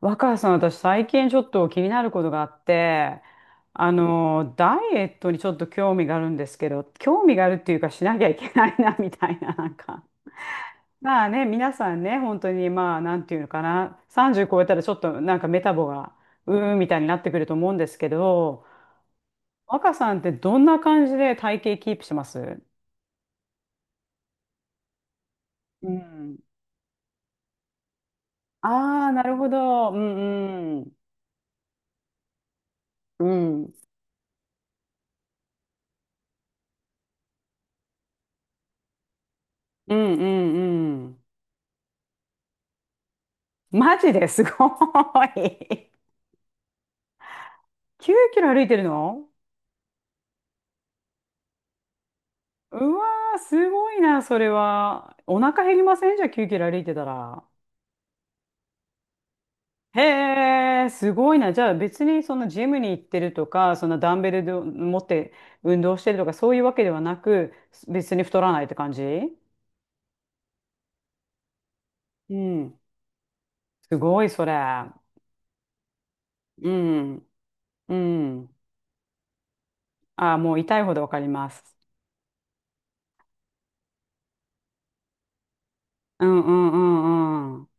若狭さん、私最近ちょっと気になることがあって、ダイエットにちょっと興味があるんですけど、興味があるっていうかしなきゃいけないな、みたいな、なんか。まあね、皆さんね、本当にまあ、なんていうのかな、30超えたらちょっとなんかメタボが、うーんみたいになってくると思うんですけど、若さんってどんな感じで体型キープしてます？うん。ああ、なるほど。うんうん。うん。うんうんうん。マジですごい。9キロ歩いてるの？うわー、すごいな、それは。お腹減りません？じゃあ9キロ歩いてたら。へえ、すごいな。じゃあ別にそのジムに行ってるとか、そんなダンベルで持って運動してるとか、そういうわけではなく、別に太らないって感じ？うん。すごい、それ。うん。うん。ああ、もう痛いほどわかります。うんうんうんうん。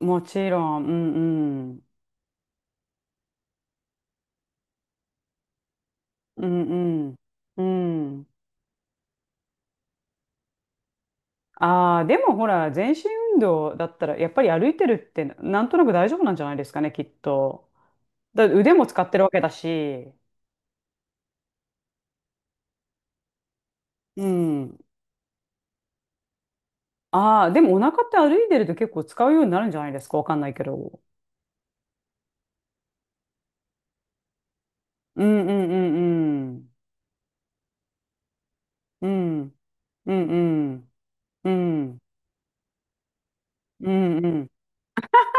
もちろん。うんうん。うんうん。うん。ああ、でもほら、全身運動だったら、やっぱり歩いてるって、なんとなく大丈夫なんじゃないですかね、きっと。だって腕も使ってるわけだし。うん。ああ、でもお腹って歩いてると結構使うようになるんじゃないですか、わかんないけど。うんうんうんうん。うんうんうん。うんうん。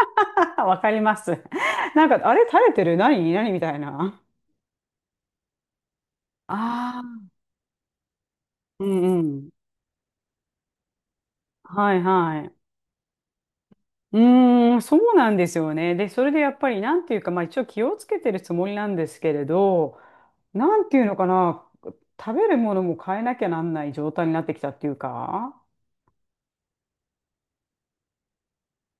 わかります。なんか、あれ垂れてる何何みたいな。ああ。うんうん。はいはい。うーん、そうなんですよね。で、それでやっぱり、なんていうか、まあ一応気をつけてるつもりなんですけれど、なんていうのかな、食べるものも変えなきゃなんない状態になってきたっていうか、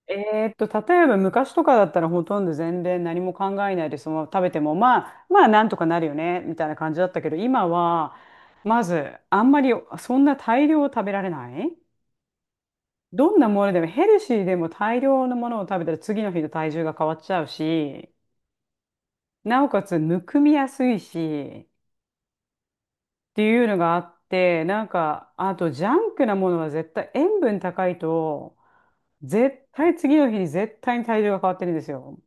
えーっと、例えば昔とかだったらほとんど全然何も考えないでそのまま食べても、まあ、まあなんとかなるよね、みたいな感じだったけど、今は、まず、あんまりそんな大量を食べられない。どんなものでもヘルシーでも大量のものを食べたら次の日の体重が変わっちゃうし、なおかつむくみやすいしっていうのがあって、なんかあとジャンクなものは絶対塩分高いと絶対次の日に絶対に体重が変わってるんですよ。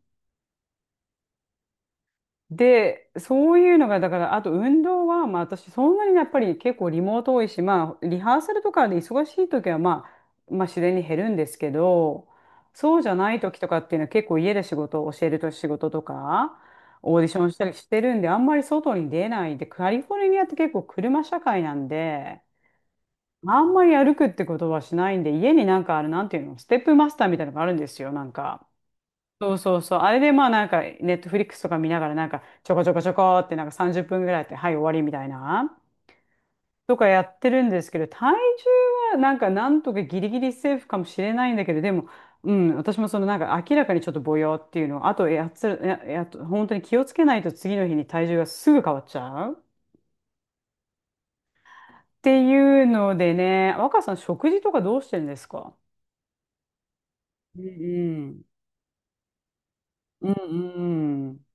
で、そういうのが、だから、あと運動は、まあ私、そんなにやっぱり結構リモート多いし、まあ、リハーサルとかで忙しい時は、まあ、まあ自然に減るんですけど、そうじゃない時とかっていうのは結構家で仕事を教えると仕事とか、オーディションしたりしてるんで、あんまり外に出ないで、カリフォルニアって結構車社会なんで、あんまり歩くってことはしないんで、家になんかある、なんていうの、ステップマスターみたいなのがあるんですよ、なんか。そうそうそう。あれでまあなんか、ネットフリックスとか見ながらなんか、ちょこちょこちょこってなんか30分ぐらいやって、はい、終わりみたいな、とかやってるんですけど、体重はなんかなんとかギリギリセーフかもしれないんだけど、でも、うん、私もそのなんか明らかにちょっとぼよっていうの、あとやつ、や、や、本当に気をつけないと次の日に体重がすぐ変わっちゃうっていうのでね、若さん食事とかどうしてるんですか？うんうん。うんうん。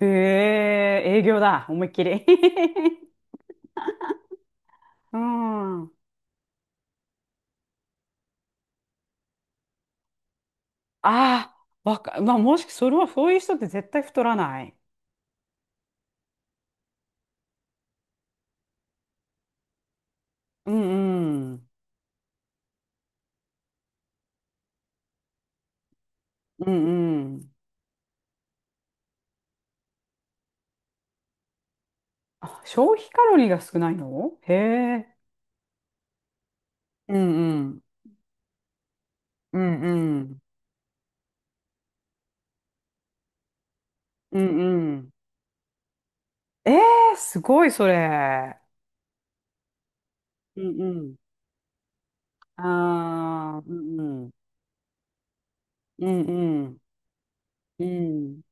へえ、営業だ、思いっきり。うん。ああ、まあ、もし、それは、そういう人って絶対太らない。うんうん。うんうん。あ、消費カロリーが少ないの？へえ。うんうん。うんうん。うんうん。ええー、すごい、それ。うんうん。ああ、うんうん。うんうん。うん。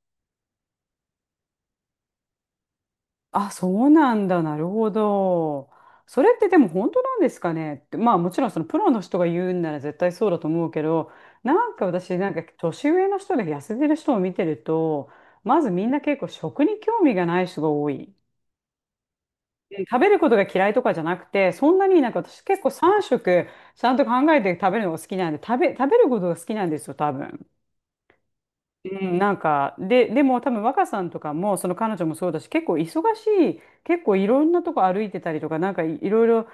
あ、そうなんだ。なるほど。それってでも本当なんですかねって、まあもちろんそのプロの人が言うんなら絶対そうだと思うけど、なんか私なんか年上の人で痩せてる人を見てると、まずみんな結構食に興味がない人が多い。うん、食べることが嫌いとかじゃなくて、そんなになんか私結構3食ちゃんと考えて食べるのが好きなんで、食べることが好きなんですよ、多分。うん、なんか、で、でも多分若さんとかも、その彼女もそうだし、結構忙しい、結構いろんなとこ歩いてたりとか、いろいろ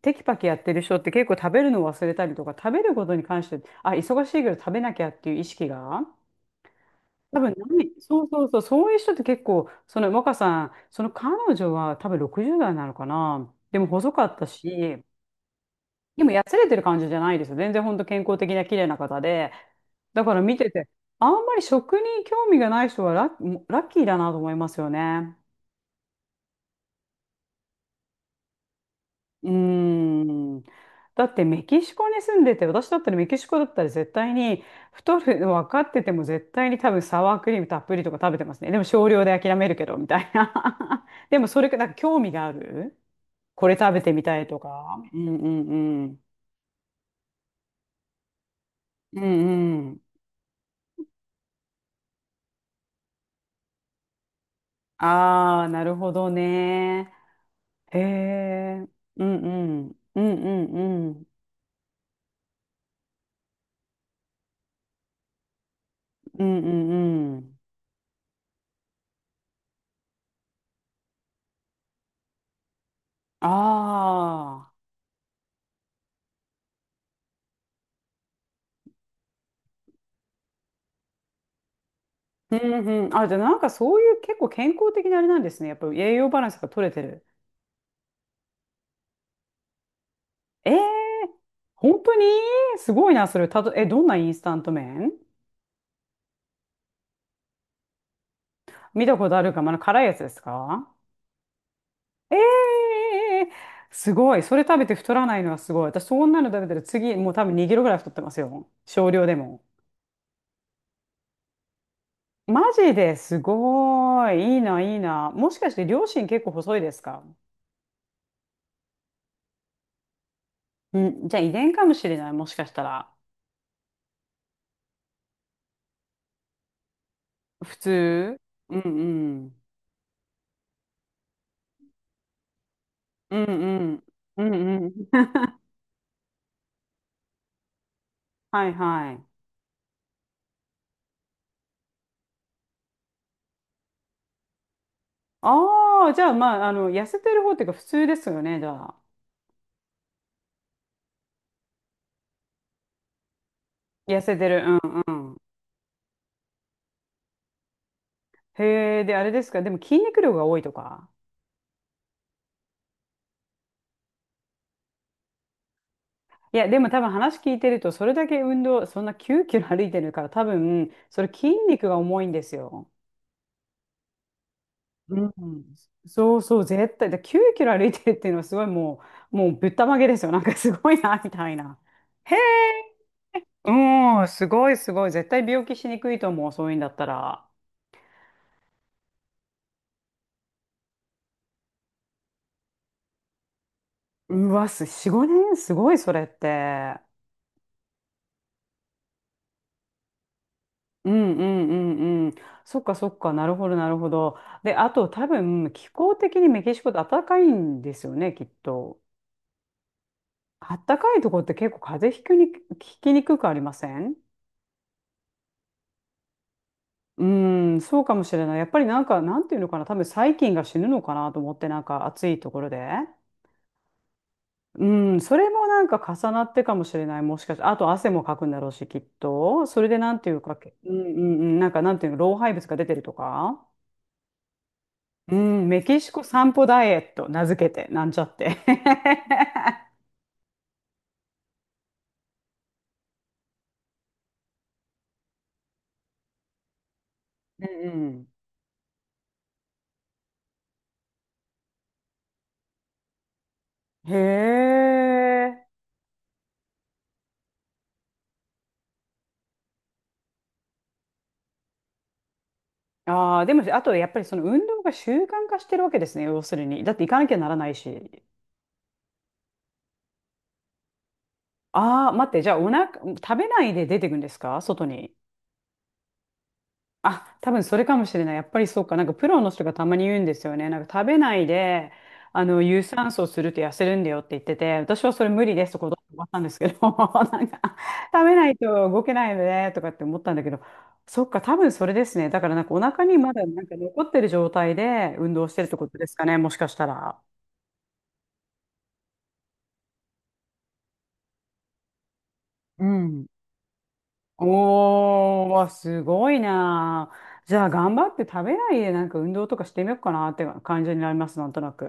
テキパキやってる人って結構食べるの忘れたりとか、食べることに関して、あ、忙しいけど食べなきゃっていう意識が、多分ない、そうそうそう、そういう人って結構、その若さん、その彼女は多分60代なのかな。でも細かったし、でも、やつれてる感じじゃないですよ。全然本当健康的な綺麗な方で。だから見てて、あんまり食に興味がない人はラッキーだなと思いますよね。うーん。だってメキシコに住んでて、私だったらメキシコだったら絶対に太るの分かってても絶対に多分サワークリームたっぷりとか食べてますね。でも少量で諦めるけど、みたいな。でもそれか、なんか興味があるこれ食べてみたいとか。うんうんうん。うんうん。ああ、なるほどね。へえ、うんうん、うんうんうん、うんうんうん。ああ、うんうん。あ、じゃあなんかそういう結構健康的なあれなんですね。やっぱり栄養バランスが取れてる。ええ、本当にすごいな、それ。たと、え、どんなインスタント麺？見たことあるか、まだ辛いやつですか？ええ、すごい。それ食べて太らないのはすごい。私そんなの食べたら次、もう多分2キロぐらい太ってますよ。少量でも。マジですごい。いいな、いいな。もしかして両親結構細いですか？うん、じゃあ遺伝かもしれない、もしかしたら。普通、うんうん。うんうん。うんうん。はいはい。ああ、じゃあまあ、あの、痩せてる方っていうか普通ですよね、じゃあ。痩せてる。うんうん。へえ、で、あれですか、でも筋肉量が多いとか。いや、でも多分話聞いてると、それだけ運動、そんな9キロ歩いてるから、多分、それ筋肉が重いんですよ。うん、そうそう、絶対。で、9キロ歩いてるっていうのはすごいもう、もうぶったまげですよ。なんかすごいな、みたいな。へえ、うん、すごいすごい。絶対病気しにくいと思う、そういうんだったら。うわ、す、4、5年すごい、それって。うんうんうんうん。そっかそっか、なるほどなるほど。で、あと多分、気候的にメキシコって暖かいんですよね、きっと。暖かいとこって結構風邪ひきにくくありません？うーん、そうかもしれない。やっぱりなんか、なんていうのかな、多分細菌が死ぬのかなと思って、なんか暑いところで。うん、それもなんか重なってかもしれない。もしかして、あと汗もかくんだろうし、きっと。それでなんていうか、うんうんうん、なんかなんていうの、老廃物が出てるとか。うん、メキシコ散歩ダイエット、名付けて、なんちゃって。うんうん。へえ。ああ、でも、あとやっぱりその運動が習慣化してるわけですね、要するに。だって行かなきゃならないし。ああ、待って、じゃあお腹、食べないで出てくんですか外に？あ、多分それかもしれない。やっぱりそうか。なんかプロの人がたまに言うんですよね。なんか食べないで、有酸素すると痩せるんだよって言ってて、私はそれ無理ですと断ったんですけど、なんか、食べないと動けないよねとかって思ったんだけど、そっか、多分それですね。だからなんかお腹にまだなんか残ってる状態で運動してるってことですかね。もしかしたら。うん。おー、わ、すごいなあ。じゃあ、頑張って食べないで、なんか運動とかしてみようかなって感じになります、なんとなく。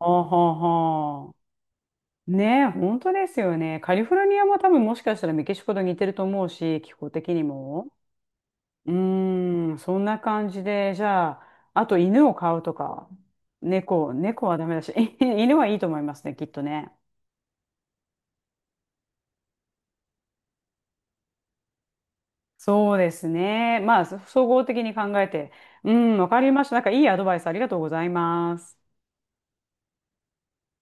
ほうほうほう。ねえ、本当ですよね。カリフォルニアも多分もしかしたらメキシコと似てると思うし、気候的にも。うーん、そんな感じで、じゃあ、あと犬を飼うとか、猫はダメだし、犬はいいと思いますね、きっとね。そうですね。まあ、総合的に考えて。うん、わかりました。なんかいいアドバイスありがとうございます。